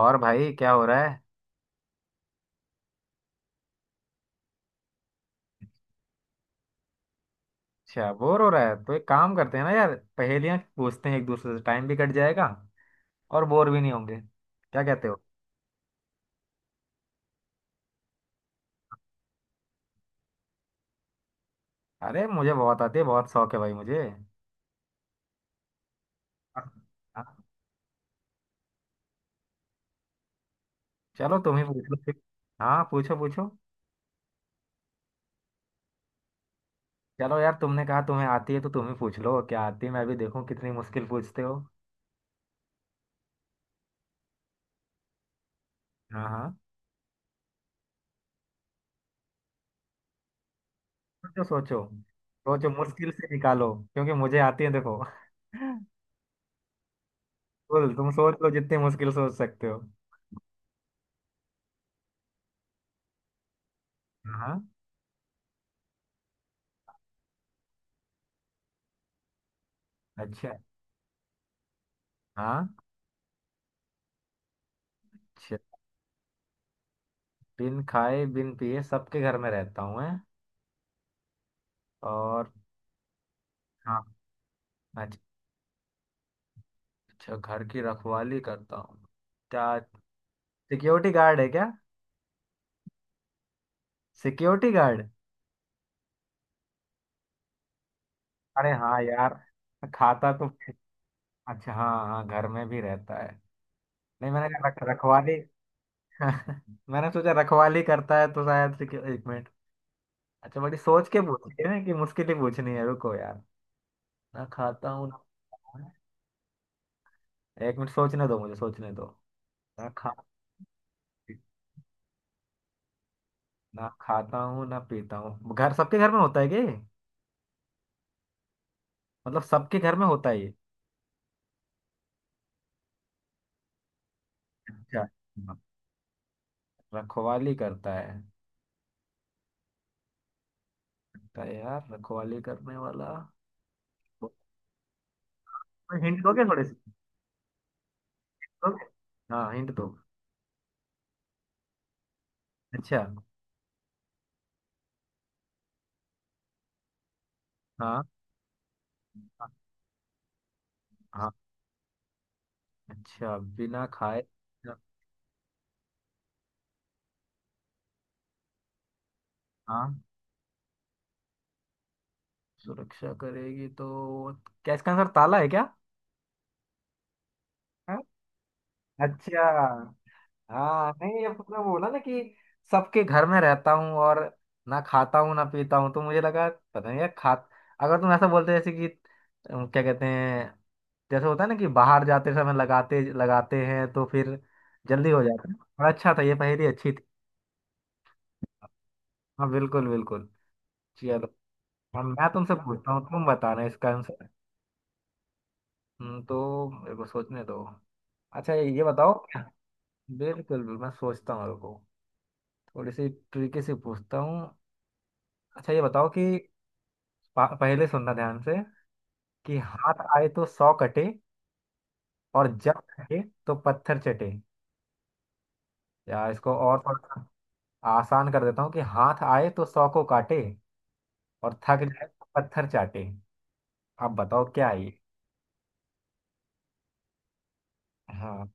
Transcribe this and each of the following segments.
और भाई क्या हो रहा है। अच्छा बोर हो रहा है तो एक काम करते हैं ना यार, पहेलियां पूछते हैं एक दूसरे से, टाइम भी कट जाएगा और बोर भी नहीं होंगे। क्या कहते हो? अरे मुझे बहुत आती है, बहुत शौक है भाई मुझे। हाँ, चलो तुम ही पूछ लो फिर। हाँ, पूछो पूछो। चलो यार, तुमने कहा तुम्हें आती है तो तुम ही पूछ लो, क्या आती है मैं भी देखूं कितनी मुश्किल पूछते हो। हाँ हाँ। सोचो सोचो। सोचो, मुश्किल से निकालो, क्योंकि मुझे आती है देखो। बोल, तुम सोच लो जितनी मुश्किल सोच सकते हो। हाँ हाँ। अच्छा। हाँ। अच्छा। बिन खाए बिन पिए सबके घर में रहता हूँ मैं। और? हाँ। अच्छा। अच्छा, घर की रखवाली करता हूँ? क्या सिक्योरिटी गार्ड है क्या? Security guard. अरे हाँ यार, खाता तो। अच्छा हाँ हाँ, घर में भी रहता है। नहीं, मैंने कहा रख रखवाली। मैंने सोचा रखवाली करता है तो शायद से एक मिनट। अच्छा, बड़ी सोच के पूछी है ना कि मुश्किल ही पूछनी है, रुको यार। ना खाता हूँ ना। एक मिनट सोचने दो, मुझे सोचने दो। ना खा। ना खाता हूँ ना पीता हूँ, घर सबके घर में होता है क्या ये? मतलब सबके घर में होता है ये? अच्छा। हाँ। रखवाली करता है। लगता है यार रखवाली करने वाला। हिंट दोगे थोड़े से? दोगे? हाँ हिंट दो। अच्छा। हाँ हाँ। अच्छा, बिना खाए। हाँ। सुरक्षा करेगी तो, क्या इसका आंसर ताला है क्या? हाँ? अच्छा। हाँ नहीं, जब तुमने बोला ना कि सबके घर में रहता हूँ और ना खाता हूँ ना पीता हूँ, तो मुझे लगा पता नहीं यार खा। अगर तुम ऐसा बोलते जैसे कि क्या कहते हैं, जैसे होता है ना कि बाहर जाते समय लगाते लगाते हैं तो फिर जल्दी हो जाता है। और अच्छा था, ये पहेली अच्छी थी। हाँ बिल्कुल बिल्कुल। चलो। अब मैं तुमसे पूछता हूँ, तुम बताना इसका आंसर। तो मेरे को सोचने दो। अच्छा ये बताओ। बिल्कुल बिल्कुल, मैं सोचता हूँ, रुको। थोड़ी सी ट्रिकी से पूछता हूँ। अच्छा ये बताओ कि पहले सुनना ध्यान से, कि हाथ आए तो सौ कटे, और जब कटे तो पत्थर चटे। या इसको और थोड़ा सा आसान कर देता हूँ, कि हाथ आए तो सौ को काटे, और थक जाए तो पत्थर चाटे। आप बताओ क्या है ये। हाँ,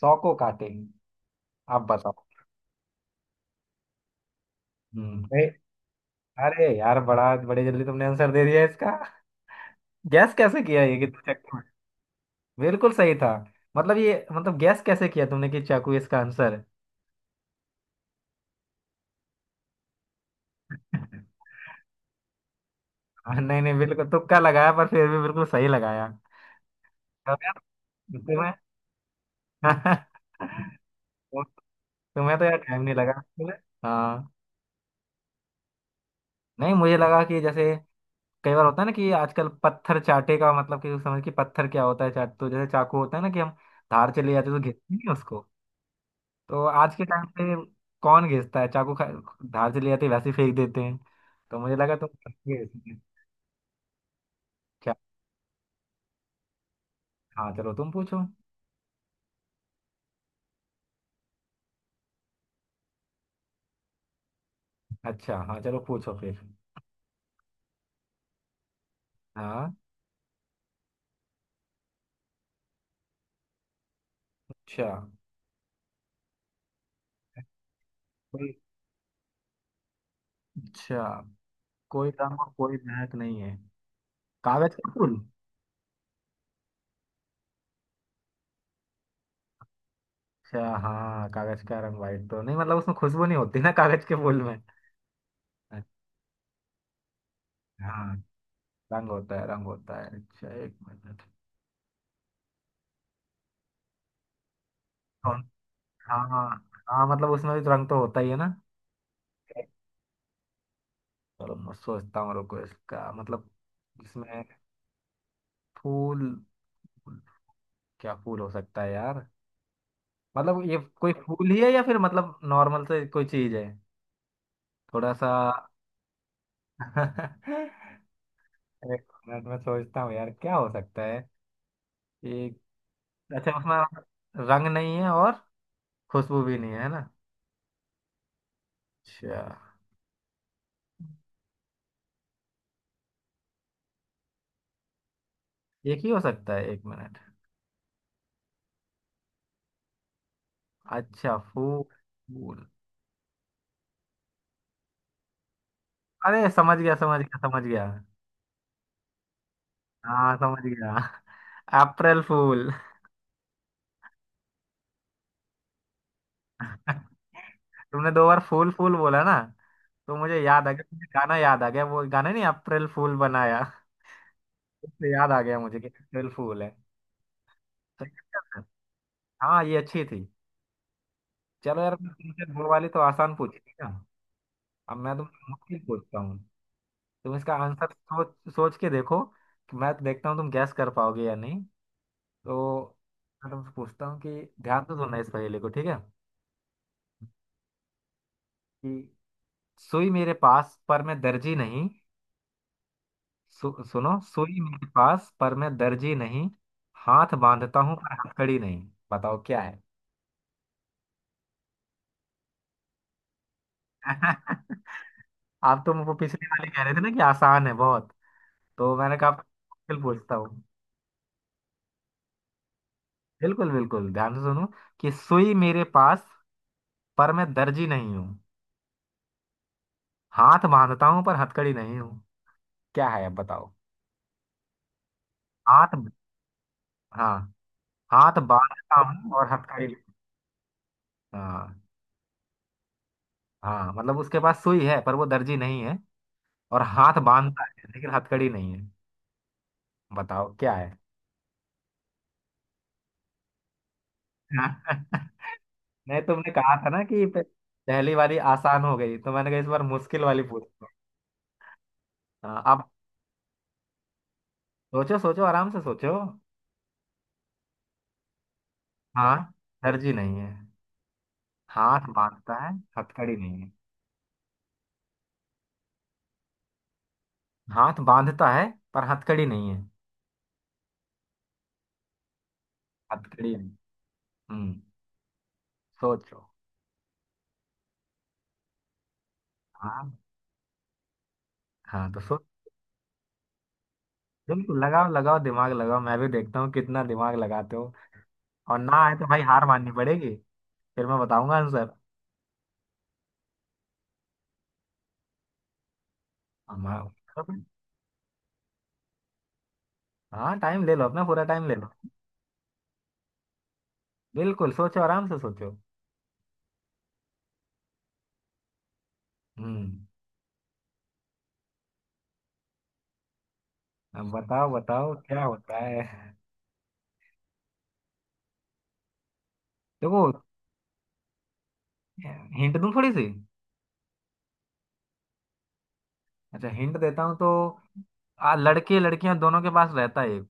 सौ को काटे। आप बताओ। हम्म, अरे। अरे यार, बड़ा बड़े जल्दी तुमने आंसर दे दिया इसका। गैस कैसे किया ये कि तू चक्कू में? बिल्कुल सही था। मतलब ये, मतलब गैस कैसे किया तुमने कि चाकू इसका आंसर? हाँ, नहीं नहीं, बिल्कुल तुक्का लगाया, पर फिर भी बिल्कुल सही लगाया। अब यार तुम्हें, तुम्हें तो यार टाइम नहीं लगा तुम्हें। हाँ नहीं, मुझे लगा कि जैसे कई बार होता है ना कि आजकल पत्थर चाटे का मतलब कि समझ कि पत्थर क्या होता है, चाट तो जैसे चाकू होता है ना कि हम धार चले जाते हैं तो घिसते नहीं है उसको। तो आज के टाइम पे कौन घिसता है चाकू खा, धार चले जाते हैं, वैसे ही फेंक देते हैं। तो मुझे लगा तुम पत्थर घिसोगे। क्या? हाँ चलो तुम पूछो। अच्छा हाँ चलो पूछो फिर। हाँ। अच्छा। कोई। अच्छा, कोई रंग और कोई महक नहीं है। कागज के फूल। अच्छा हाँ, कागज का रंग व्हाइट तो नहीं, मतलब उसमें खुशबू नहीं होती ना कागज के फूल में। अच्छा। हाँ, रंग होता है रंग होता है। अच्छा एक मिनट। कौन? हाँ। हाँ मतलब उसमें भी तो रंग तो होता ही है ना। चलो मैं सोचता हूँ, रुको इसका मतलब। इसमें फूल, क्या फूल हो सकता है यार। मतलब ये कोई फूल ही है या फिर मतलब नॉर्मल से कोई चीज है? थोड़ा सा। एक मिनट में सोचता हूँ यार क्या हो सकता है। एक। अच्छा, उसमें रंग नहीं है और खुशबू भी नहीं है, है ना? अच्छा। एक ही हो सकता है, एक मिनट। अच्छा फूल। फूल। अरे समझ गया समझ गया समझ गया। हाँ समझ गया। अप्रैल फूल। तुमने दो बार फूल फूल बोला ना, तो मुझे याद आ गया, मुझे गाना याद आ गया, वो गाना नहीं, अप्रैल फूल बनाया। उससे याद आ गया मुझे कि अप्रैल फूल है। सही है। क्या? हाँ, ये अच्छी थी। चलो यार, तुमसे वो वाली तो आसान पूछी थी ना। अब मैं तुमसे मुश्किल पूछता हूँ। तुम इसका आंसर सोच सोच के देखो, कि मैं तो देखता हूँ तुम गैस कर पाओगे या नहीं। तो मैं तुमसे पूछता हूँ कि ध्यान से सुनना इस पहेली को, ठीक है? कि सुई मेरे पास पर मैं दर्जी नहीं। सुनो, सुई मेरे पास पर मैं दर्जी नहीं, हाथ बांधता हूँ पर हथकड़ी नहीं। बताओ क्या है। आप तो वो पिछले वाले कह रहे थे ना कि आसान है बहुत, तो मैंने कहा मुश्किल पूछता हूँ। बिल्कुल बिल्कुल, ध्यान से सुनो। कि सुई मेरे पास, पर मैं दर्जी नहीं हूँ, हाथ बांधता हूँ पर हथकड़ी नहीं हूँ। क्या है अब बताओ। हाथ। हाँ। हाथ बांधता हूँ और हथकड़ी। हाँ। हाँ, मतलब उसके पास सुई है पर वो दर्जी नहीं है, और हाथ बांधता है लेकिन हथकड़ी नहीं है। बताओ क्या है। नहीं, तुमने कहा था ना कि पहली वाली आसान हो गई, तो मैंने कहा इस बार मुश्किल वाली पूछ लो। हाँ अब सोचो सोचो, आराम से सोचो। हाँ, दर्जी नहीं है, हाथ बांधता है, हथकड़ी नहीं है। हाथ बांधता है पर हथकड़ी नहीं है। हथकड़ी नहीं। हम्म। सोचो। हाँ। हाँ तो सोच। बिल्कुल, लगाओ लगाओ दिमाग लगाओ, मैं भी देखता हूँ कितना दिमाग लगाते हो। और ना आए तो भाई हार माननी पड़ेगी, फिर मैं बताऊंगा आंसर। हम-। हाँ, टाइम ले लो, अपना पूरा टाइम ले लो। बिल्कुल सोचो, आराम से सोचो। हम्म। अब बताओ बताओ क्या होता है। देखो, हिंट दूं थोड़ी सी? अच्छा हिंट देता हूँ तो लड़के लड़कियां दोनों के पास रहता है।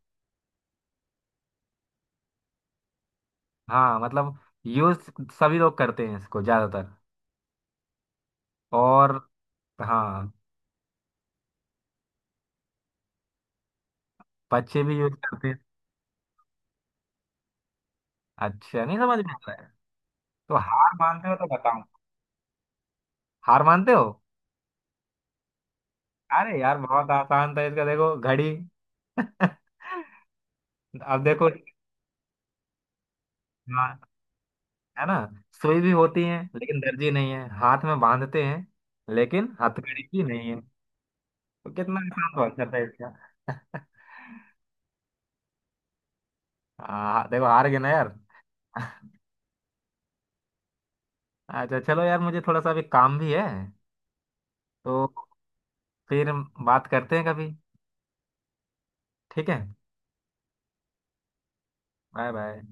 हाँ मतलब यूज सभी लोग करते हैं इसको ज्यादातर, और हाँ बच्चे भी यूज करते हैं। अच्छा, नहीं समझ में आ रहा है? तो हार मानते हो तो बताओ, हार मानते हो? अरे यार, बहुत आसान था इसका, देखो, घड़ी। अब देखो। हाँ, है ना? सुई भी होती है लेकिन दर्जी नहीं है, हाथ में बांधते हैं लेकिन हथकड़ी भी नहीं है। तो कितना आसान तो आंसर था इसका। हाँ देखो, हार गए ना यार। अच्छा चलो यार, मुझे थोड़ा सा अभी काम भी है, तो फिर बात करते हैं कभी, ठीक है? Bye bye.